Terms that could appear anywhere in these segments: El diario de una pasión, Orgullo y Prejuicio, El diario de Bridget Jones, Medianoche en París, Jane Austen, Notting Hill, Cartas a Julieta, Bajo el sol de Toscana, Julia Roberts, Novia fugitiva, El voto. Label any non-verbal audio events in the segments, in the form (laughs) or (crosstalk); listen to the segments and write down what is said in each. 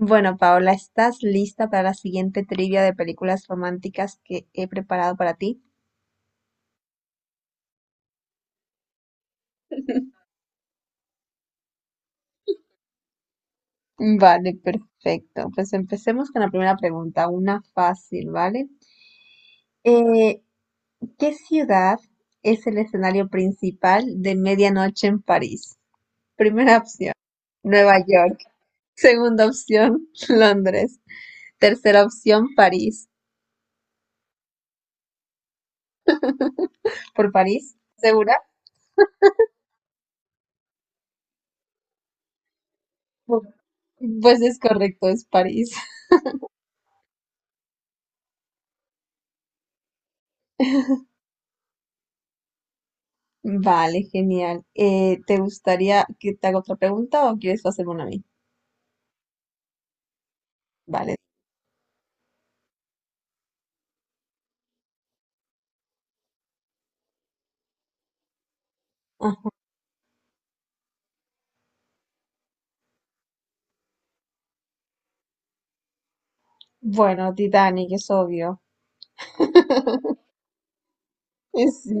Bueno, Paola, ¿estás lista para la siguiente trivia de películas románticas que he preparado para ti? Vale, perfecto. Pues empecemos con la primera pregunta, una fácil, ¿vale? Eh, ¿Qué ciudad es el escenario principal de Medianoche en París? Primera opción, Nueva York. Segunda opción, (laughs) Londres. Tercera opción, París. ¿Por París? ¿Segura? Pu- Pues es correcto, es París. Vale, genial. ¿Te gustaría que te haga otra pregunta o quieres hacerme una a mí? Vale. Ah, bueno, Titanic, es obvio. (laughs) Sí,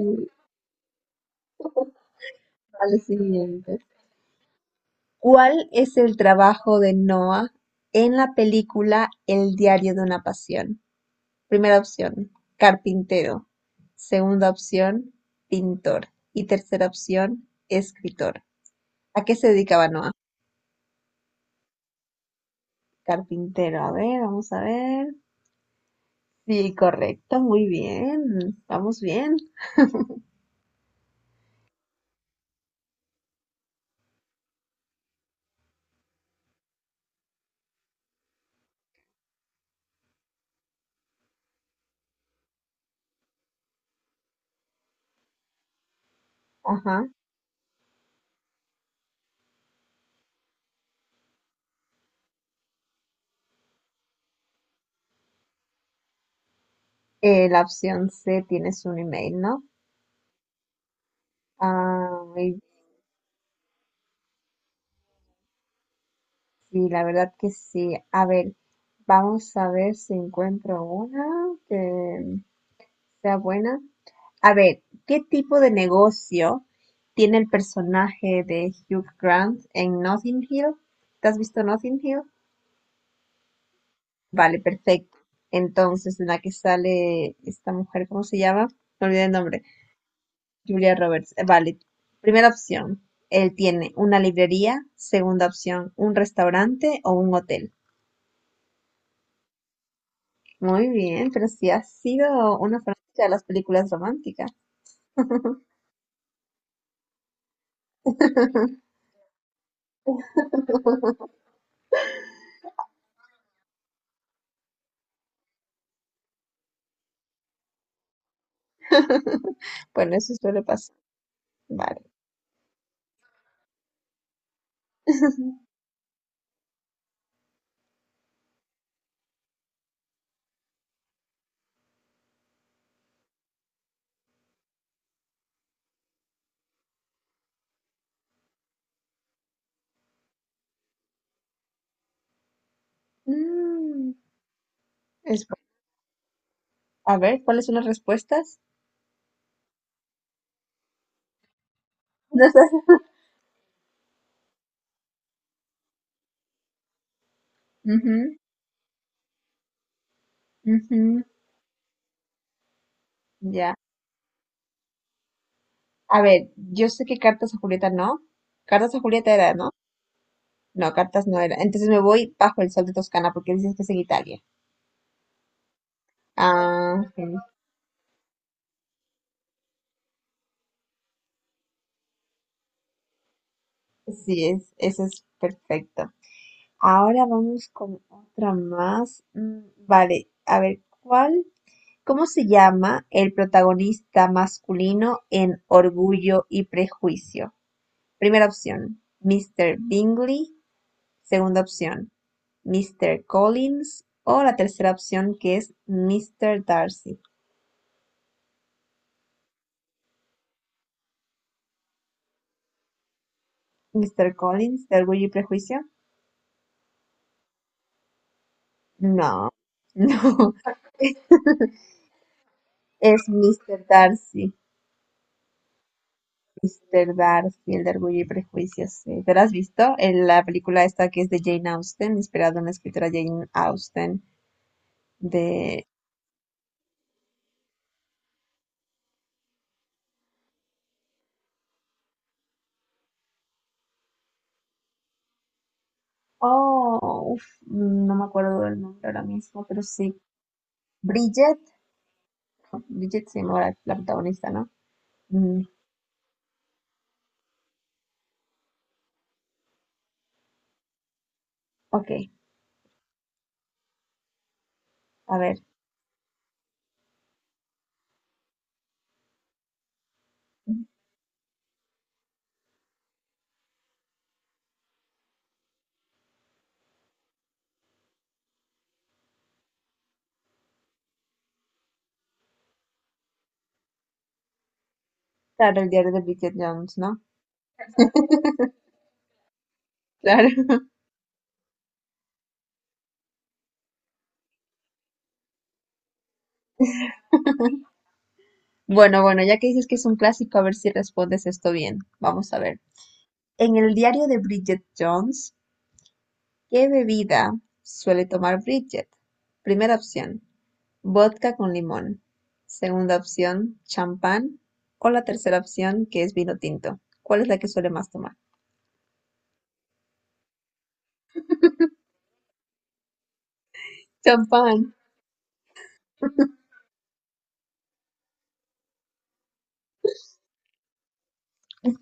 vale, siguiente. ¿Cuál es el trabajo de Noah en la película El diario de una pasión? Primera opción, carpintero. Segunda opción, pintor. Y tercera opción, escritor. ¿A qué se dedicaba Noah? Carpintero, a ver, vamos a ver. Sí, correcto, muy bien, vamos bien. Ajá. La opción C, tienes un email, ¿no? Ah, y sí, la verdad que sí. A ver, vamos a ver si encuentro una que sea buena. A ver, ¿qué tipo de negocio tiene el personaje de Hugh Grant en Notting Hill? ¿Te has visto Notting Hill? Vale, perfecto. Entonces, en la que sale esta mujer, ¿cómo se llama? Me olvidé el nombre. Julia Roberts. Vale. Primera opción: él tiene una librería. Segunda opción: un restaurante o un hotel. Muy bien, pero si ha sido una fanática de las películas románticas. (laughs) Bueno, eso suele pasar. Vale. Mm, es bu- a ver, ¿cuáles son las respuestas? (laughs) No sé. Ujú, ujú, ya. A ver, yo sé que cartas a Julieta no. Cartas a Julieta era, ¿no? No, cartas no era. Entonces me voy bajo el sol de Toscana porque dices que es en Italia. Ah, ok. Sí, es, eso es perfecto. Ahora vamos con otra más. Mm, vale, a ver, ¿cuál? ¿Cómo se llama el protagonista masculino en Orgullo y Prejuicio? Primera opción, Mr. Bingley. Segunda opción, Mr. Collins. O la tercera opción que es Mr. Darcy. ¿Mr. Collins de Orgullo y Prejuicio? No, (laughs) no, es Mr. Darcy. Mr. Darcy, el de Orgullo y prejuicios. Sí. ¿Te lo has visto? En la película esta que es de Jane Austen, inspirada en la escritora Jane Austen, de... Oh, uf, no me acuerdo del nombre ahora mismo, pero sí. Bridget. Bridget se llama la protagonista, ¿no? Mm, ok, a ver. Claro, el diario de Bridget Jones, ¿no? (laughs) Claro. Bueno, bueno, ya que dices que es un clásico, a ver si respondes esto bien. Vamos a ver. En el diario de Bridget Jones, ¿qué bebida suele tomar Bridget? Primera opción, vodka con limón. Segunda opción, champán. O la tercera opción, que es vino tinto. ¿Cuál es la que suele más tomar? Champán.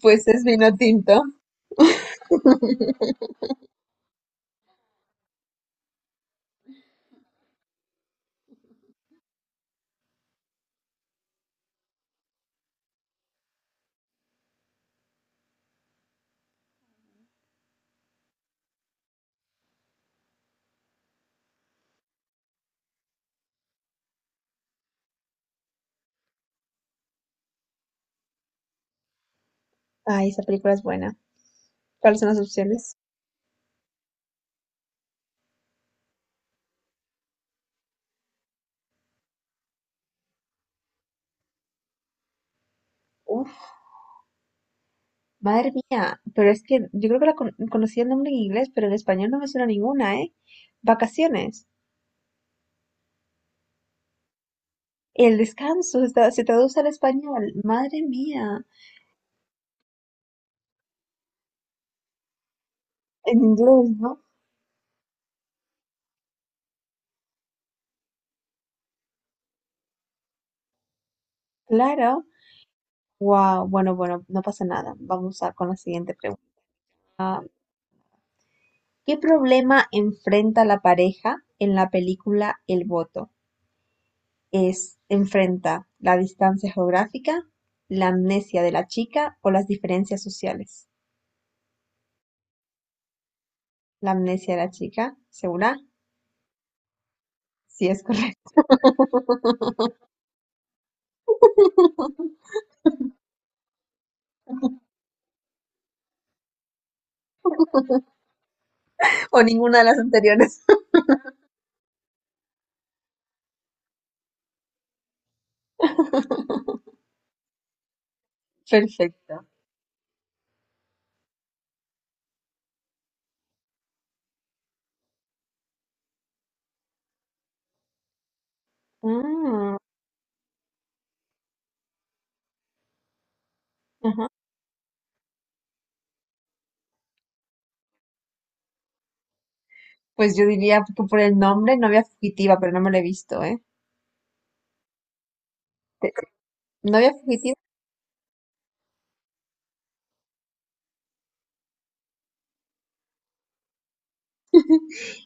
Pues es vino tinto. Ay, esa película es buena. ¿Cuáles son las opciones? Uf, madre mía. Pero es que yo creo que la conocía el nombre en inglés, pero en español no me suena ninguna, ¿eh? Vacaciones. El descanso se traduce al español. Madre mía. En inglés, ¿no? Claro. Wow, bueno, bueno, no pasa nada. Vamos a con la siguiente pregunta. Ah, ¿Qué problema enfrenta la pareja en la película El voto? ¿Es enfrenta la distancia geográfica, la amnesia de la chica o las diferencias sociales? La amnesia de la chica, ¿segura? Sí, es correcto. (laughs) O ninguna de las anteriores. (laughs) Perfecto. Ah, ajá. Pues yo diría que por el nombre, novia fugitiva, pero no me lo he visto, ¿eh? Te- Novia fugitiva,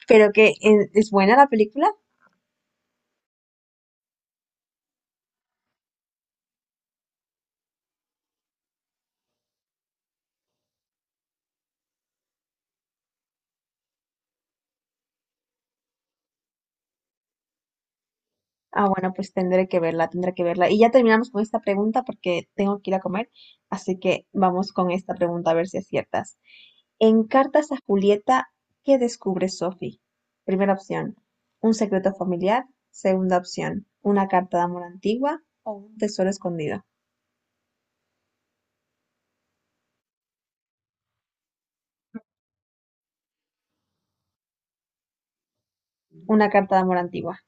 pero que es buena la película. Ah, bueno, pues tendré que verla, tendré que verla. Y ya terminamos con esta pregunta porque tengo que ir a comer, así que vamos con esta pregunta a ver si aciertas. En Cartas a Julieta, ¿qué descubre Sophie? Primera opción, un secreto familiar. Segunda opción, una carta de amor antigua o un tesoro escondido. Una carta de amor antigua.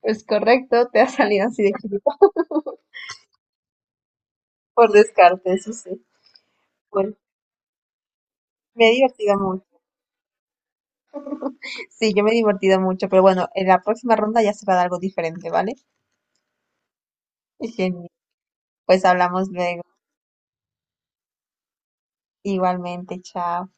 Pues correcto, te ha salido así de que por descarte, eso sí. Bueno, me he divertido mucho. Sí, yo me he divertido mucho, pero bueno, en la próxima ronda ya será de algo diferente, ¿vale? Genial. Pues hablamos luego. Igualmente, chao.